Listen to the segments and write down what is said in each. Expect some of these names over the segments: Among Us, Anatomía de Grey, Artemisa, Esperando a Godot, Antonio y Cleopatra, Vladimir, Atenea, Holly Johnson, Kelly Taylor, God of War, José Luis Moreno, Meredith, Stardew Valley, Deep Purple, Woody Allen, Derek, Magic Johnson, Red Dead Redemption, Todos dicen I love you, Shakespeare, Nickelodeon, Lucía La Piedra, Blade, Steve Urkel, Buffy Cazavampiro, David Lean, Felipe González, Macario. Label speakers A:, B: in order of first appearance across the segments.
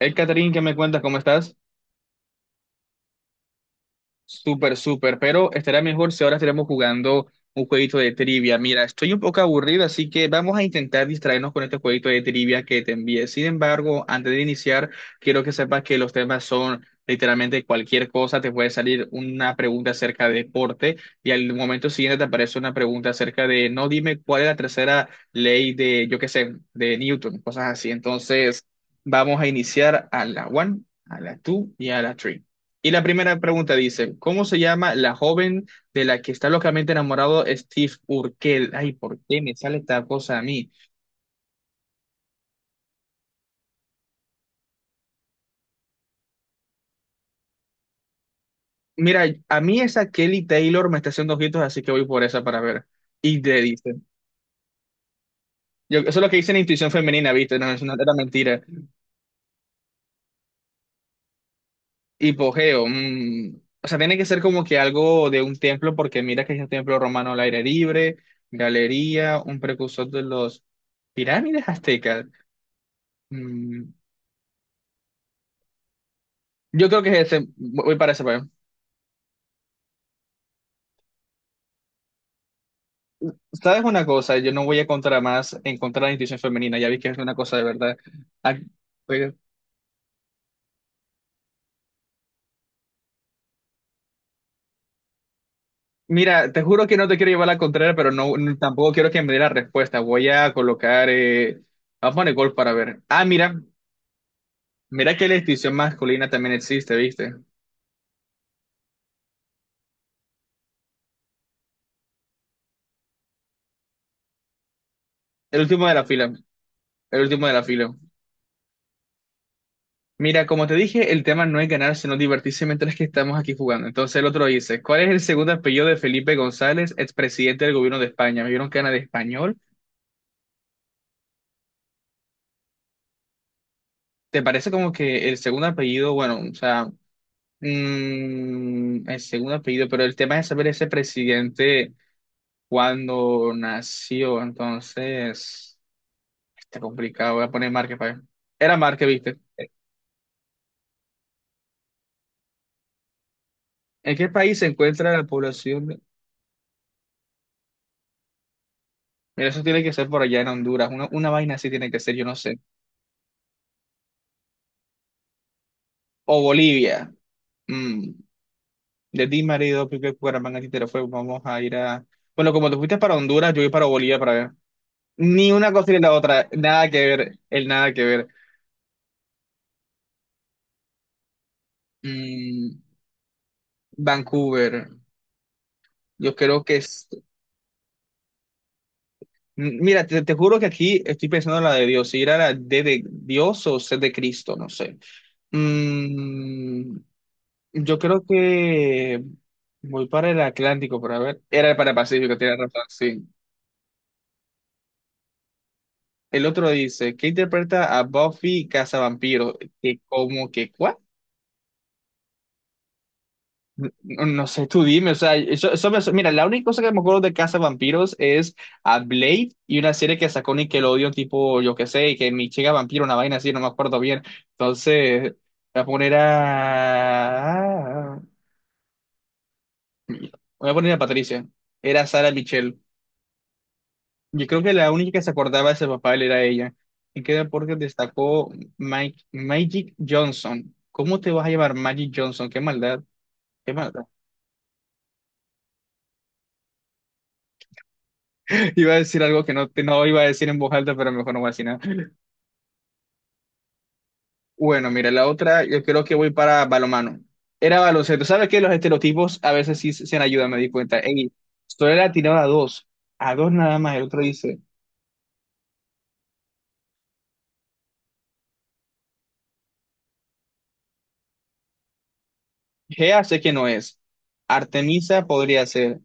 A: Hey, Catherine, ¿qué me cuentas? ¿Cómo estás? Súper, súper, pero estará mejor si ahora estaremos jugando un jueguito de trivia. Mira, estoy un poco aburrido, así que vamos a intentar distraernos con este jueguito de trivia que te envié. Sin embargo, antes de iniciar, quiero que sepas que los temas son literalmente cualquier cosa. Te puede salir una pregunta acerca de deporte y al momento siguiente te aparece una pregunta acerca de, no dime cuál es la tercera ley de, yo qué sé, de Newton, cosas así. Entonces, vamos a iniciar a la one, a la two y a la three. Y la primera pregunta dice, ¿cómo se llama la joven de la que está locamente enamorado Steve Urkel? Ay, ¿por qué me sale esta cosa a mí? Mira, a mí esa Kelly Taylor me está haciendo ojitos, así que voy por esa para ver. Y te dice, yo, eso es lo que dice en intuición femenina, ¿viste? No, es una era mentira. Hipogeo, o sea, tiene que ser como que algo de un templo, porque mira que es un templo romano al aire libre, galería, un precursor de los pirámides aztecas. Mm, yo creo que es ese, voy para ese, pues. ¿Sabes una cosa? Yo no voy a contra más en contra de la institución femenina, ya vi que es una cosa de verdad. Ah, pues, mira, te juro que no te quiero llevar la contraria, pero tampoco quiero que me dé la respuesta. Voy a colocar, vamos a poner gol para ver. Ah, mira que la institución masculina también existe, ¿viste? El último de la fila, el último de la fila. Mira, como te dije, el tema no es ganar, sino divertirse mientras que estamos aquí jugando. Entonces el otro dice, ¿cuál es el segundo apellido de Felipe González, expresidente del gobierno de España? ¿Me vieron que era de español? ¿Te parece como que el segundo apellido, bueno, o sea, el segundo apellido, pero el tema es saber ese presidente cuando nació, entonces, está complicado, voy a poner Márquez para Era Márquez, ¿viste? ¿En qué país se encuentra la población? De- Mira, eso tiene que ser por allá en Honduras, una vaina así tiene que ser, yo no sé. O Bolivia. Mm. De ti, marido, pique, cuaramanga, tintero, fuego, vamos a ir a... Bueno, como te fuiste para Honduras, yo voy para Bolivia para ver. Ni una cosa ni la otra, nada que ver, el nada que ver. Mm, Vancouver, yo creo que es... Mira, te juro que aquí estoy pensando en la de Dios, si era la D de Dios o C de Cristo, no sé. Mm, yo creo que voy para el Atlántico, para ver. Era para el Pacífico, tiene razón, sí. El otro dice, ¿qué interpreta a Buffy Cazavampiro? Que como que, ¿cuál? No, no sé, tú dime, o sea, mira, la única cosa que me acuerdo de Casa Vampiros es a Blade y una serie que sacó Nickelodeon, tipo, yo qué sé, que mi chica vampiro, una vaina así, no me acuerdo bien. Entonces, voy a poner a... Voy a poner a Patricia. Era Sara Michelle. Yo creo que la única que se acordaba de ese papel era ella. ¿En qué deporte destacó Mike, Magic Johnson? ¿Cómo te vas a llamar Magic Johnson? Qué maldad, qué maldad. Iba a decir algo que no, no iba a decir en voz alta, pero mejor no voy a decir nada. Bueno, mira, la otra, yo creo que voy para balomano. Era baloncesto. ¿Sabes qué? Los estereotipos a veces sí se han me di cuenta. Ey, Stoller ha tirado a dos nada más. El otro dice, Gea sé que no es. Artemisa podría ser.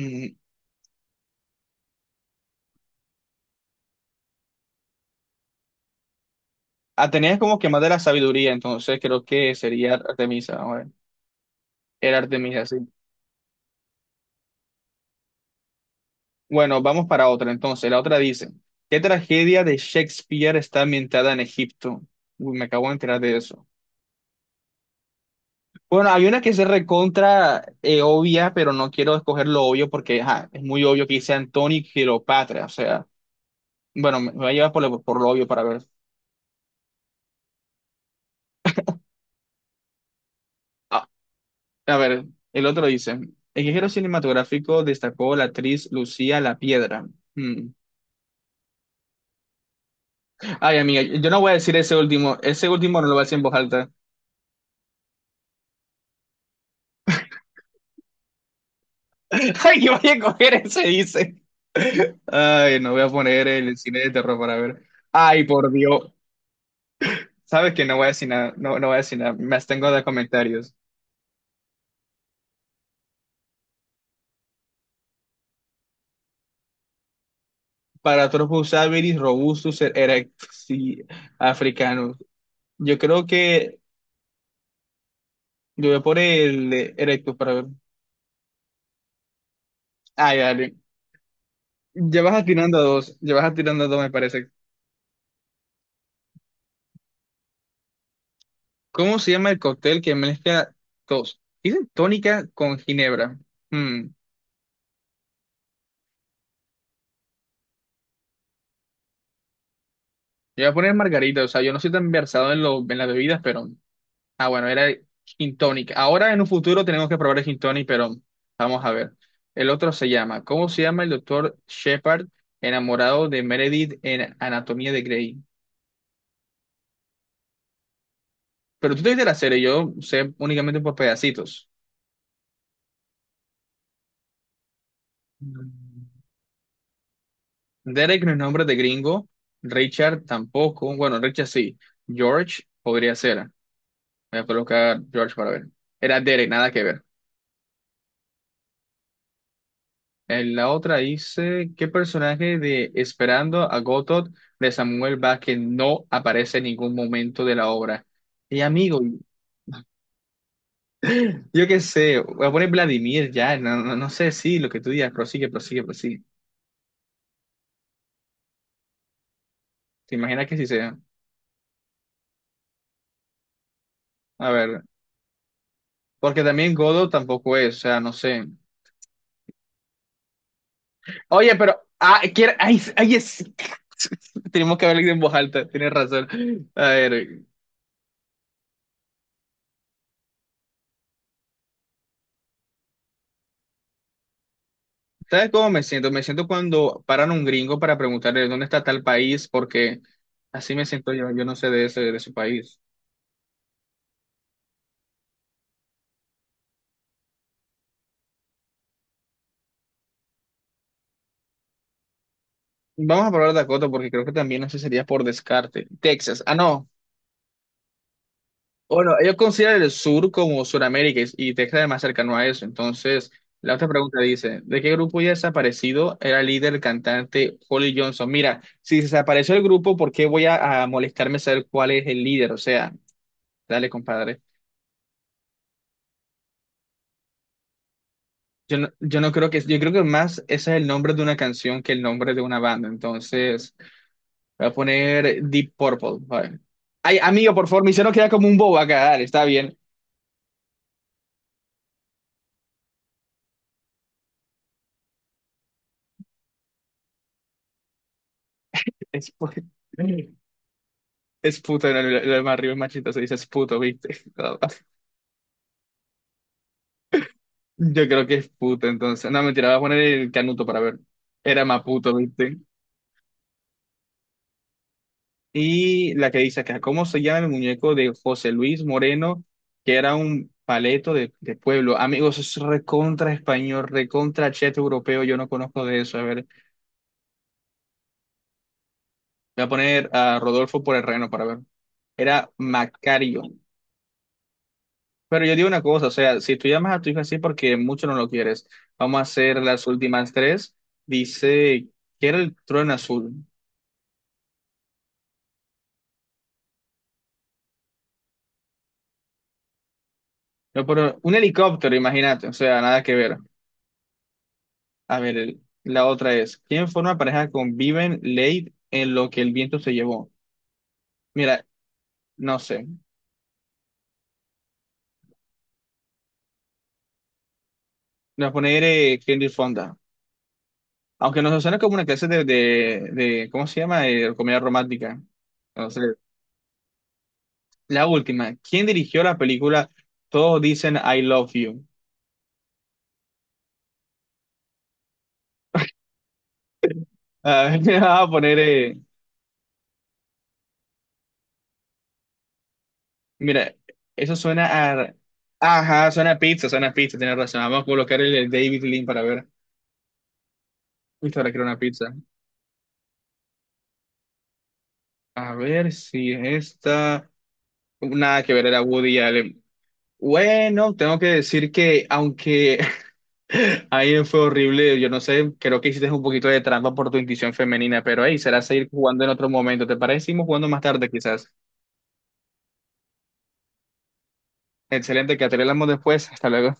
A: Mm, Atenea es como que más de la sabiduría, entonces creo que sería Artemisa. A ver. Era Artemisa, sí. Bueno, vamos para otra entonces. La otra dice, ¿qué tragedia de Shakespeare está ambientada en Egipto? Uy, me acabo de enterar de eso. Bueno, hay una que se recontra obvia, pero no quiero escoger lo obvio porque ajá, es muy obvio que dice Antonio y Cleopatra. O sea, bueno, me voy a llevar por lo, obvio para ver. Ah, a ver, el otro dice, el género cinematográfico destacó la actriz Lucía La Piedra. Hmm. Ay, amiga, yo no voy a decir ese último. Ese último no lo voy a decir en voz alta. Ay, yo voy a coger ese, dice. Ay, no voy a poner el cine de terror para ver. Ay, por Dios. Sabes que no voy a decir nada, no, no voy a decir nada. Me abstengo de comentarios. Para Usabilis robustus erectus y africanus. Yo creo que yo voy a por el de erectus para ver. Ay, dale. Ya vas atirando a dos, ya vas atirando a dos, me parece. ¿Cómo se llama el cóctel que mezcla tos? Dicen tónica con ginebra. Hmm. Yo voy a poner margarita, o sea, yo no soy tan versado en, lo, en las bebidas, pero... Ah, bueno, era gin tonic. Ahora en un futuro tenemos que probar el gin tonic, pero vamos a ver. El otro se llama, ¿cómo se llama el doctor Shepard enamorado de Meredith en Anatomía de Grey? Pero tú te viste la serie, yo sé únicamente por pedacitos. Mm. Derek no es nombre de gringo, Richard tampoco, bueno, Richard sí, George podría ser. Voy a colocar George para ver. Era Derek, nada que ver. En la otra dice, ¿qué personaje de Esperando a Godot de Samuel Vázquez no aparece en ningún momento de la obra? Y amigo, yo qué sé, voy a poner Vladimir ya, no, no, no sé si lo que tú digas, prosigue, prosigue, prosigue. ¿Te imaginas que sí sea? A ver, porque también Godot tampoco es, o sea, no sé. Oye, pero, ah, quiero, ay, ay, Tenemos que hablar en voz alta, tienes razón. A ver, ¿sabes cómo me siento? Me siento cuando paran un gringo para preguntarle dónde está tal país, porque así me siento yo, yo no sé de ese, de su país. Vamos a probar Dakota porque creo que también eso sería por descarte. Texas, ah, no. Bueno, ellos consideran el sur como Sudamérica y Texas es más cercano a eso. Entonces, la otra pregunta dice, ¿de qué grupo ya desaparecido era el líder, el cantante Holly Johnson? Mira, si desapareció el grupo, ¿por qué voy a molestarme saber cuál es el líder? O sea, dale, compadre. Yo no creo que, yo creo que más ese es el nombre de una canción que el nombre de una banda. Entonces, voy a poner Deep Purple. Vale. Ay, amigo, por favor, me hicieron quedar como un bobo acá. Dale, está bien. Es, pu- es puto, no, lo más arriba es machito, se dice es puto, ¿viste? Yo creo que es puto, entonces. No, mentira, voy a poner el canuto para ver. Era más puto, ¿viste? Y la que dice acá, ¿cómo se llama el muñeco de José Luis Moreno, que era un paleto de pueblo? Amigos, es recontra español, recontra cheto europeo, yo no conozco de eso. A ver, voy a poner a Rodolfo por el reno para ver. Era Macario. Pero yo digo una cosa, o sea, si tú llamas a tu hijo así porque mucho no lo quieres, vamos a hacer las últimas tres. Dice, ¿que era el trueno azul? No, pero un helicóptero, imagínate, o sea, nada que ver. A ver, la otra es, ¿quién forma pareja con Viven Late en lo que el viento se llevó? Mira, no sé, voy a poner Henry Fonda, aunque nos suena como una clase ¿cómo se llama? Comedia romántica. Entonces, la última, ¿quién dirigió la película Todos dicen I love you? A ver, me va a poner, mira, eso suena a... Ajá, suena a pizza, tienes razón. Vamos a colocar el David Lean para ver. Listo, ahora quiero una pizza. A ver si es esta. Nada que ver, era Woody Allen. Bueno, tengo que decir que aunque ahí fue horrible, yo no sé, creo que hiciste un poquito de trampa por tu intuición femenina, pero ahí será seguir jugando en otro momento. ¿Te parece? Seguimos jugando más tarde quizás. Excelente, que hablamos después. Hasta luego.